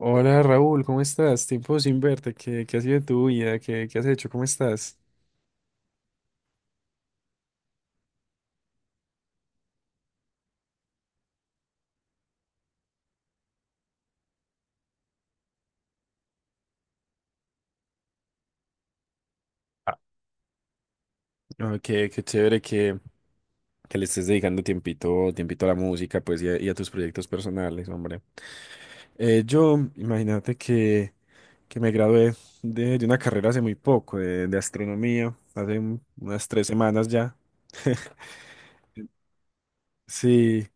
Hola Raúl, ¿cómo estás? Tiempo sin verte, ¿Qué ha sido de tu vida? ¿Qué has hecho? ¿Cómo estás? Ah, no, qué chévere que le estés dedicando tiempito a la música, pues, y a tus proyectos personales, hombre. Yo, imagínate que me gradué de una carrera hace muy poco, de astronomía, hace unas tres semanas ya. Sí,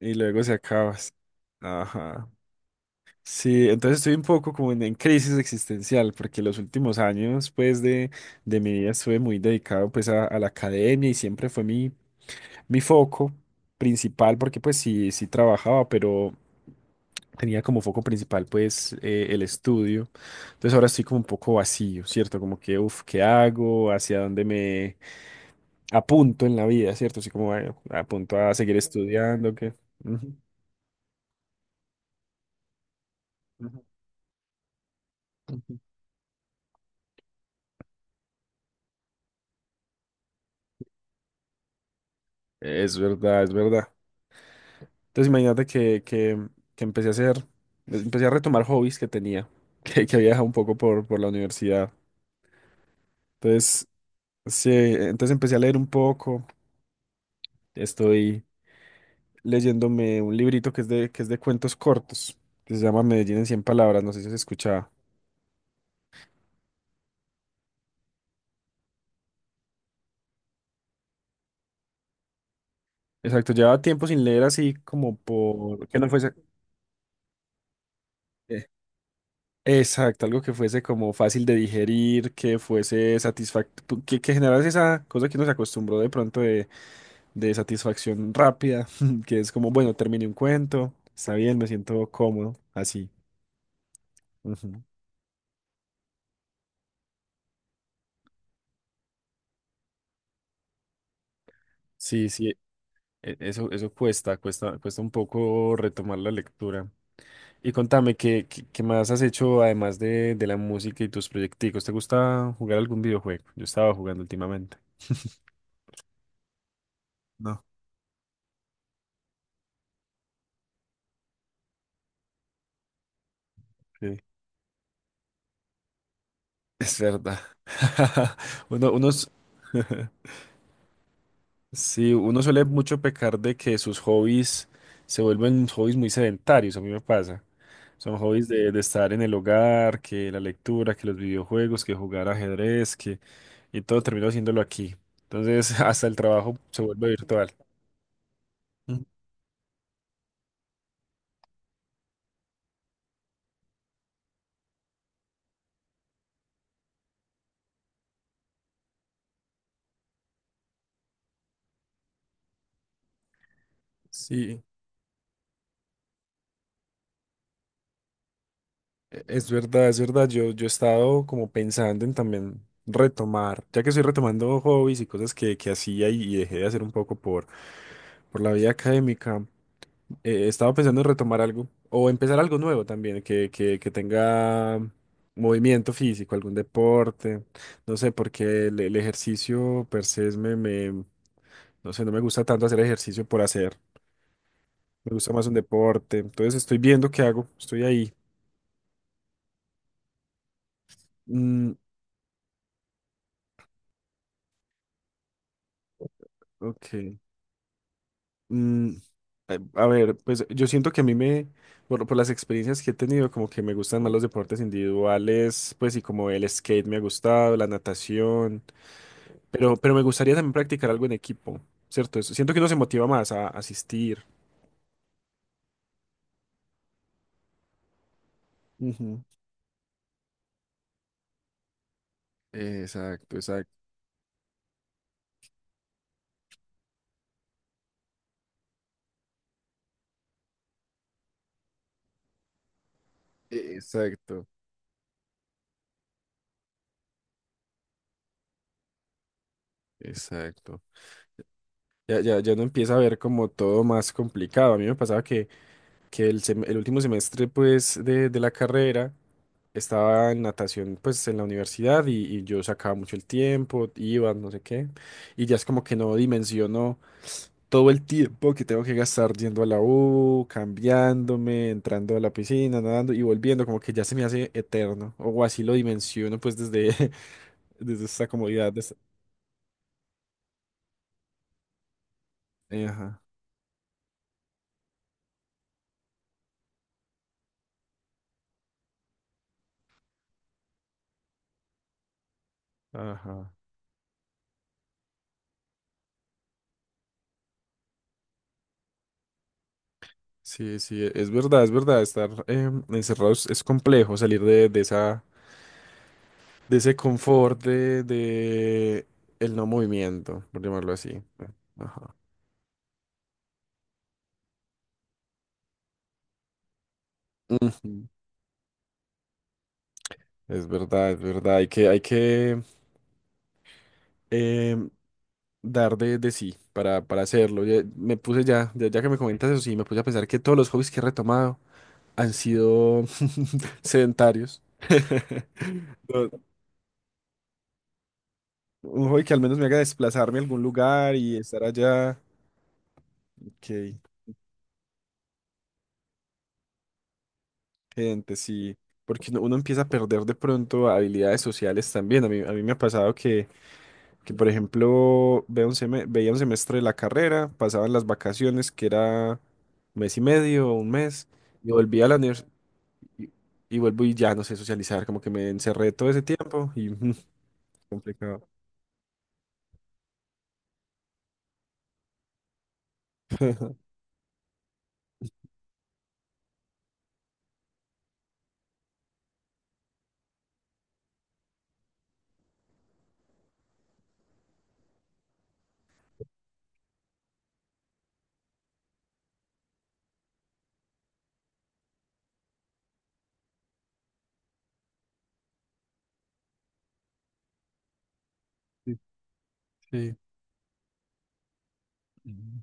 y luego se acabas. Ajá. Sí, entonces estoy un poco como en crisis existencial, porque los últimos años, pues, de mi vida estuve muy dedicado, pues, a la academia y siempre fue mi foco principal, porque, pues, sí trabajaba, pero tenía como foco principal, pues, el estudio. Entonces ahora estoy como un poco vacío, ¿cierto? Como que, uff, ¿qué hago? ¿Hacia dónde me apunto en la vida, ¿cierto? Así como, bueno, apunto a seguir estudiando, que... Ujú, ujú, ujú. Es verdad, es verdad. Entonces imagínate que empecé a hacer, empecé a retomar hobbies que tenía, que había dejado un poco por la universidad. Entonces, sí, entonces empecé a leer un poco. Estoy leyéndome un librito que es de cuentos cortos, que se llama Medellín en 100 palabras, no sé si se escuchaba. Exacto, llevaba tiempo sin leer así como por... que no fuese... eh, exacto, algo que fuese como fácil de digerir, que fuese satisfactorio, que generase esa cosa que nos acostumbró de pronto de satisfacción rápida, que es como, bueno, terminé un cuento, está bien, me siento cómodo, así. Ujú. Sí, eso cuesta, cuesta, cuesta un poco retomar la lectura. Y contame, ¿qué más has hecho además de la música y tus proyecticos? ¿Te gusta jugar algún videojuego? Yo estaba jugando últimamente. No. Es verdad. Uno, unos, sí, uno suele mucho pecar de que sus hobbies se vuelven hobbies muy sedentarios, a mí me pasa. Son hobbies de estar en el hogar, que la lectura, que los videojuegos, que jugar ajedrez, que... Y todo termino haciéndolo aquí. Entonces, hasta el trabajo se vuelve virtual. Ujú. Sí, es verdad, es verdad. Yo he estado como pensando en también retomar, ya que estoy retomando hobbies y cosas que hacía y dejé de hacer un poco por la vía académica. Estaba pensando en retomar algo o empezar algo nuevo también, que tenga movimiento físico, algún deporte. No sé, porque el ejercicio per se no sé, no me gusta tanto hacer ejercicio por hacer. Me gusta más un deporte. Entonces estoy viendo qué hago. Estoy ahí. Mm, ok. Mm, a a ver, pues yo siento que por las experiencias que he tenido, como que me gustan más los deportes individuales, pues y como el skate me ha gustado, la natación. Pero me gustaría también practicar algo en equipo, ¿cierto? Eso... Siento que uno se motiva más a asistir. Ujú. Exacto, exacto, exacto, exacto. Ya no empieza a ver como todo más complicado. A mí me pasaba que el, el último semestre, pues, de la carrera, estaba en natación, pues, en la universidad y yo sacaba mucho el tiempo, iba, no sé qué, y ya es como que no dimensiono todo el tiempo que tengo que gastar yendo a la U, cambiándome, entrando a la piscina, nadando y volviendo, como que ya se me hace eterno, o así lo dimensiono pues desde, desde esta comodidad. De esta... ajá, ajá. Sí, es verdad, es verdad, estar encerrados es complejo, salir de esa, de ese confort de el no movimiento, por llamarlo así. Ajá. Ujú. Es verdad, hay que em, dar de sí para hacerlo. Ya, me puse ya que me comentas eso, sí, me puse a pensar que todos los hobbies que he retomado han sido sedentarios. No, un hobby que al menos me haga desplazarme a algún lugar y estar allá. Ok, gente, sí. Porque uno empieza a perder de pronto habilidades sociales también. A mí me ha pasado que por ejemplo, veo un veía un semestre de la carrera, pasaban las vacaciones, que era un mes y medio o un mes, y volvía a la universidad y, y vuelvo y ya no sé socializar, como que me encerré todo ese tiempo y complicado. Sí, sí. Mm.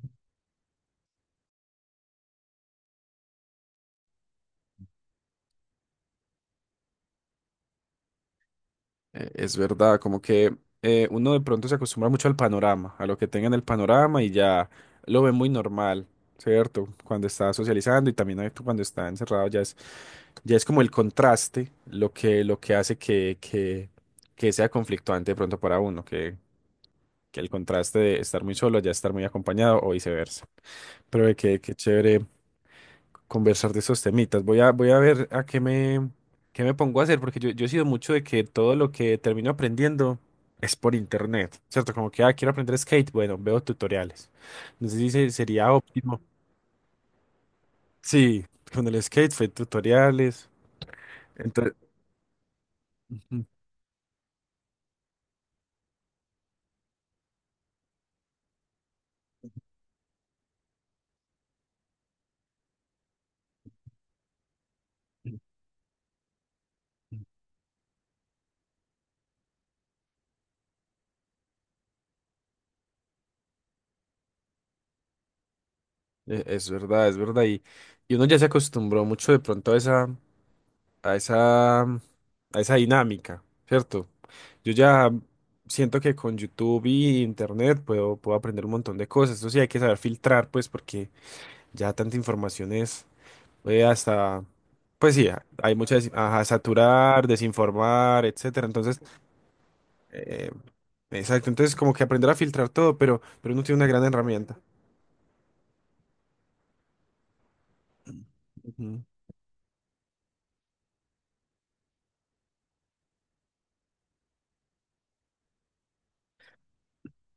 Es verdad, como que uno de pronto se acostumbra mucho al panorama, a lo que tenga en el panorama y ya lo ve muy normal, ¿cierto? Cuando está socializando y también cuando está encerrado ya es como el contraste lo que hace que sea conflictuante de pronto para uno, que el contraste de estar muy solo ya estar muy acompañado o viceversa. Pero qué chévere conversar de esos temitas. Voy a ver a qué me pongo a hacer, porque yo he sido mucho de que todo lo que termino aprendiendo es por internet, ¿cierto? Como que, ah, quiero aprender skate, bueno, veo tutoriales. No sé si sería óptimo. Sí, con el skate fue tutoriales. Entonces, ujú, es verdad, es verdad. Y uno ya se acostumbró mucho de pronto a esa. A esa, a esa dinámica, ¿cierto? Yo ya siento que con YouTube y Internet puedo, puedo aprender un montón de cosas. Eso sí, hay que saber filtrar, pues, porque ya tanta información es hasta, pues sí, hay mucha, ajá, saturar, desinformar, etcétera. Entonces, eh, exacto. Entonces, como que aprender a filtrar todo, pero uno tiene una gran herramienta. Ujú.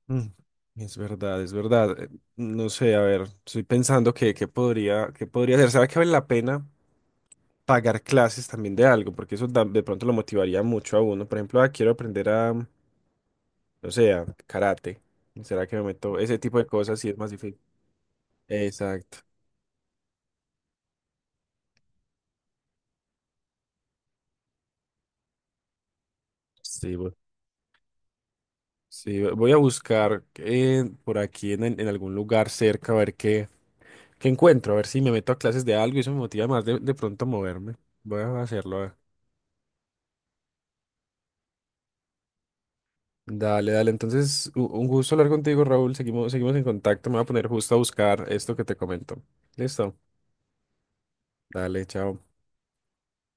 Mm, es verdad, es verdad. No sé, a ver, estoy pensando que podría, que podría hacer. ¿Será que vale la pena pagar clases también de algo, porque eso de pronto lo motivaría mucho a uno? Por ejemplo, ah, quiero aprender a, no sé, a karate. ¿Será que me meto? Ese tipo de cosas sí es más difícil. Exacto. Sí, voy, sí, voy a buscar por aquí en, en algún lugar cerca a ver qué, qué encuentro, a ver si me meto a clases de algo y eso me motiva más de pronto a moverme. Voy a hacerlo. Dale, dale. Entonces, un gusto hablar contigo, Raúl. Seguimos en contacto. Me voy a poner justo a buscar esto que te comento. Listo. Dale, chao.